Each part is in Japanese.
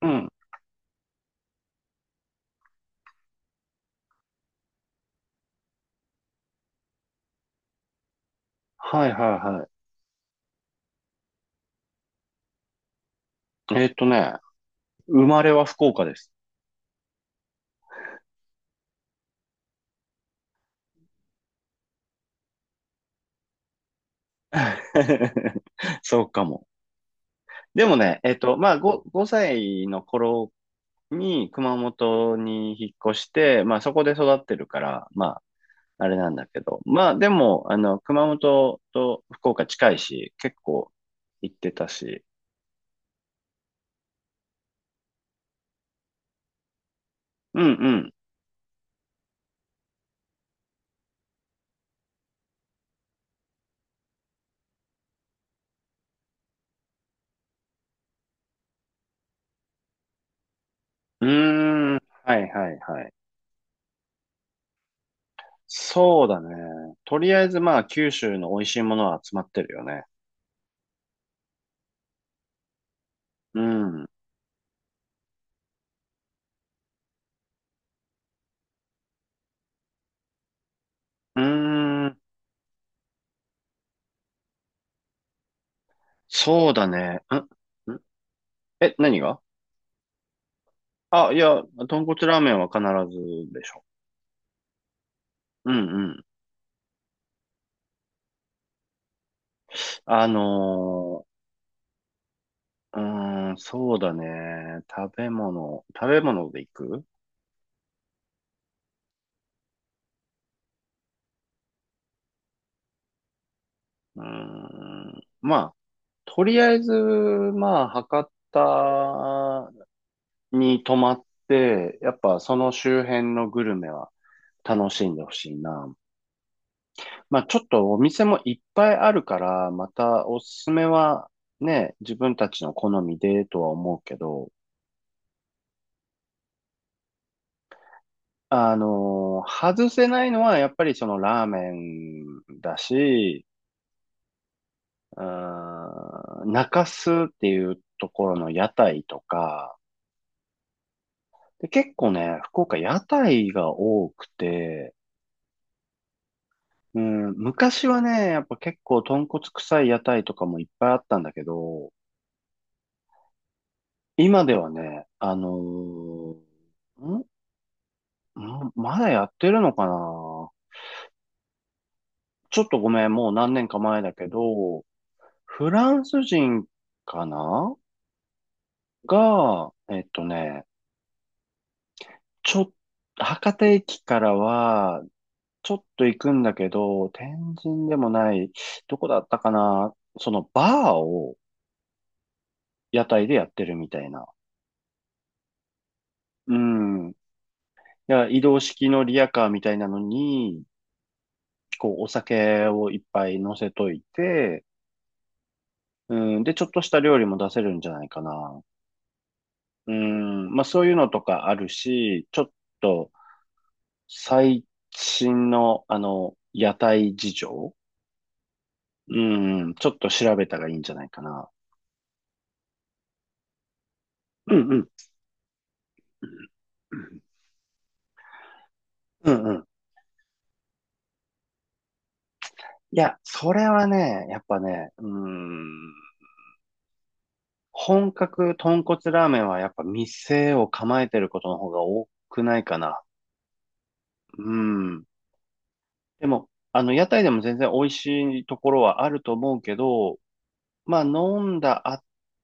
うん。はいはいはい。生まれは福岡です。そうかも。でもね、まあ、5歳の頃に熊本に引っ越して、まあ、そこで育ってるから、まあ、あれなんだけど、まあ、でも、熊本と福岡近いし、結構行ってたし、うんうん。うーん、はいはいはい。そうだね。とりあえず、まあ、九州の美味しいものは集まってるよね。うん。うーん。そうだね。んんえ、何が？あ、いや、豚骨ラーメンは必ずでしょ。うんうん。あのうーん、そうだね。食べ物で行く？うーん。まあ、とりあえず、まあ、博多に泊まって、やっぱその周辺のグルメは楽しんでほしいな。まあちょっとお店もいっぱいあるから、またおすすめはね、自分たちの好みでとは思うけど、外せないのはやっぱりそのラーメンだし、うーん、中洲っていうところの屋台とか、で、結構ね、福岡屋台が多くて、うん、昔はね、やっぱ結構豚骨臭い屋台とかもいっぱいあったんだけど、今ではね、ま、まだやってるのかな？ちょっとごめん、もう何年か前だけど、フランス人かなが、ちょ、博多駅からは、ちょっと行くんだけど、天神でもない、どこだったかな？そのバーを屋台でやってるみたいな。うん。いや、移動式のリヤカーみたいなのに、こう、お酒をいっぱい乗せといて、うん、で、ちょっとした料理も出せるんじゃないかな。うん、まあそういうのとかあるし、ちょっと最新の屋台事情うん、ちょっと調べたらいいんじゃないかな。うんうん。うんうん。いや、それはね、やっぱね、うーん、本格豚骨ラーメンはやっぱ店を構えてることの方が多くないかな。うん。でも、屋台でも全然美味しいところはあると思うけど、まあ、飲んだ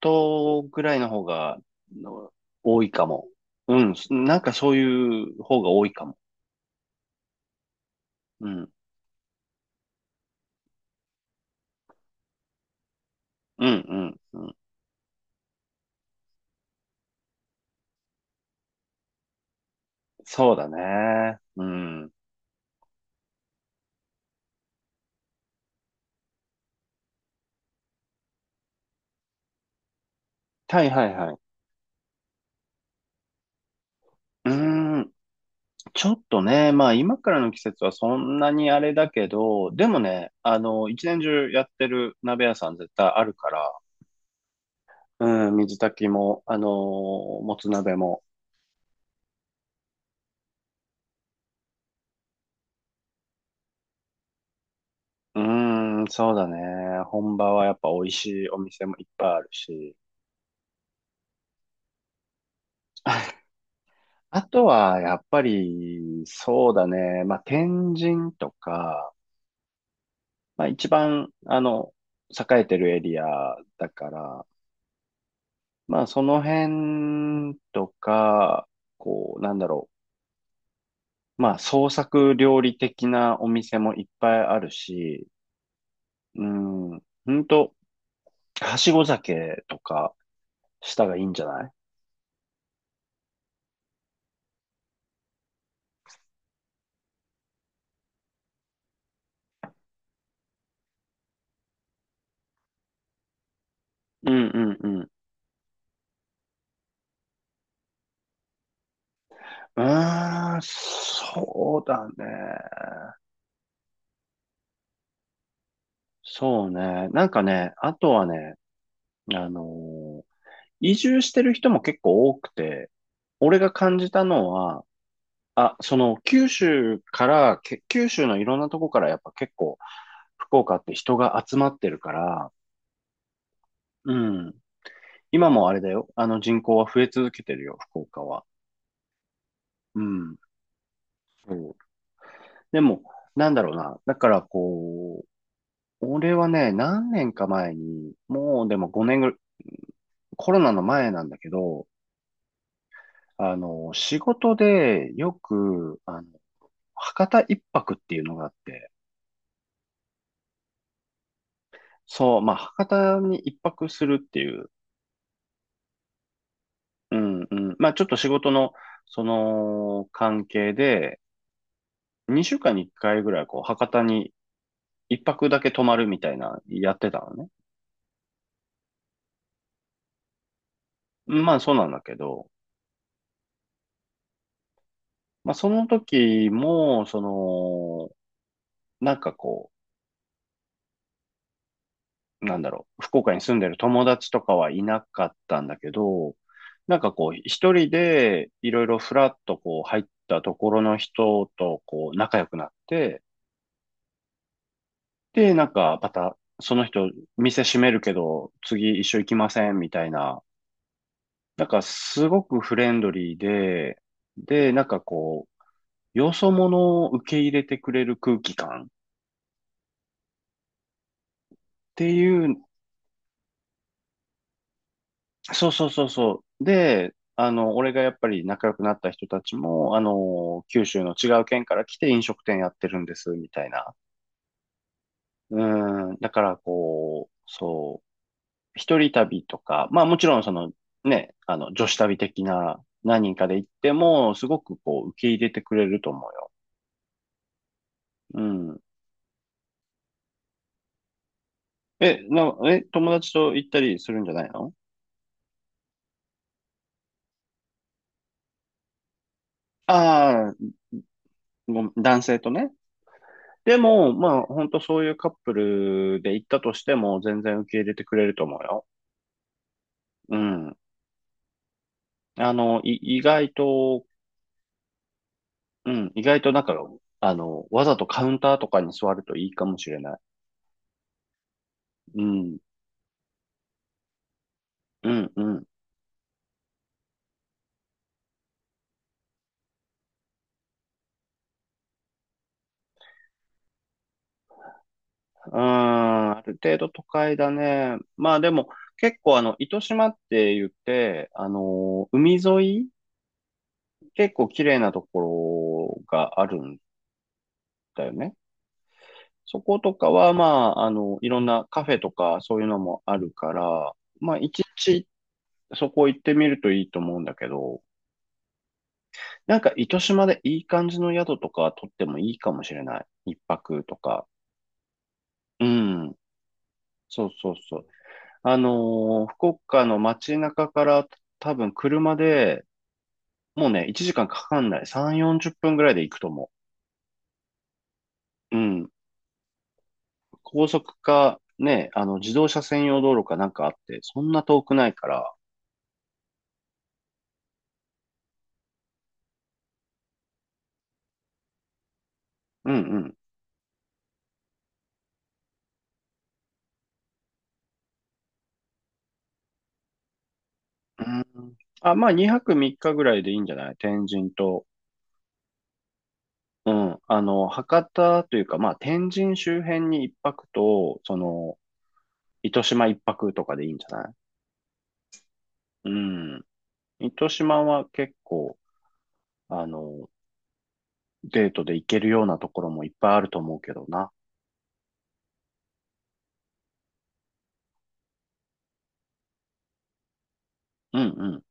後ぐらいの方がの多いかも。うん。なんかそういう方が多いかも。うん。うん、うん、うん。そうだね。うん。はいはいはい。うーん。ちょっとね、まあ今からの季節はそんなにあれだけど、でもね、一年中やってる鍋屋さん絶対あるから、うん、水炊きも、もつ鍋も。うーん、そうだね。本場はやっぱ美味しいお店もいっぱいあるし。あとは、やっぱり、そうだね。まあ、天神とか、まあ、一番、栄えてるエリアだから、まあ、その辺とか、こう、なんだろう。まあ、創作料理的なお店もいっぱいあるし、うん、ほんと、はしご酒とかしたがいいんじゃない？うんうんうん。うーん、そうだね。そうね。なんかね、あとはね、あのー移住してる人も結構多くて、俺が感じたのは、あ、その九州からけ、九州のいろんなとこからやっぱ結構福岡って人が集まってるから、うん。今もあれだよ。あの人口は増え続けてるよ、福岡は。うん。そうでも、なんだろうな。だからこう、俺はね、何年か前に、もうでも5年ぐらい、コロナの前なんだけど、仕事でよく、博多一泊っていうのがあって、そう、まあ、博多に一泊するっていう、うんうん、まあ、ちょっと仕事の、その、関係で、2週間に1回ぐらい、こう、博多に一泊だけ泊まるみたいな、やってたのね。まあ、そうなんだけど、まあ、その時も、その、なんかこう、なんだろう、福岡に住んでる友達とかはいなかったんだけど、なんかこう、一人でいろいろフラッとこう入ったところの人とこう仲良くなって、で、なんかまたその人店閉めるけど次一緒行きません？みたいな、なんかすごくフレンドリーで、で、なんかこう、よそ者を受け入れてくれる空気感っていうそうそうそうそう。で、俺がやっぱり仲良くなった人たちも、九州の違う県から来て飲食店やってるんです、みたいな。うん、だからこう、そう、一人旅とか、まあもちろんその、ね、女子旅的な何人かで行っても、すごくこう、受け入れてくれると思うよ。うん。え、友達と行ったりするんじゃないの？ああー、ごめん男性とね。でも、まあ、本当そういうカップルで行ったとしても、全然受け入れてくれると思うよ。うん。意外と、うん、意外となんか、わざとカウンターとかに座るといいかもしれない。うん、うん、うん。うん、ある程度都会だね。まあでも、結構あの、糸島って言って、あの、海沿い、結構綺麗なところがあるんだよね。そことかは、まあ、あの、いろんなカフェとかそういうのもあるから、まあ、一日そこ行ってみるといいと思うんだけど、なんか糸島でいい感じの宿とか取ってもいいかもしれない。一泊とか。うん。そうそうそう。福岡の街中から多分車で、もうね、1時間かんかかんない。3、40分ぐらいで行くと思う。うん。高速か、ね、あの、自動車専用道路かなんかあって、そんな遠くないから、うんうんうん。あ、まあ、2泊3日ぐらいでいいんじゃない？天神と。うん。博多というか、まあ、天神周辺に1泊と、その、糸島1泊とかでいいんじゃない？うん。糸島は結構、あの、デートで行けるようなところもいっぱいあると思うけどな。うんうん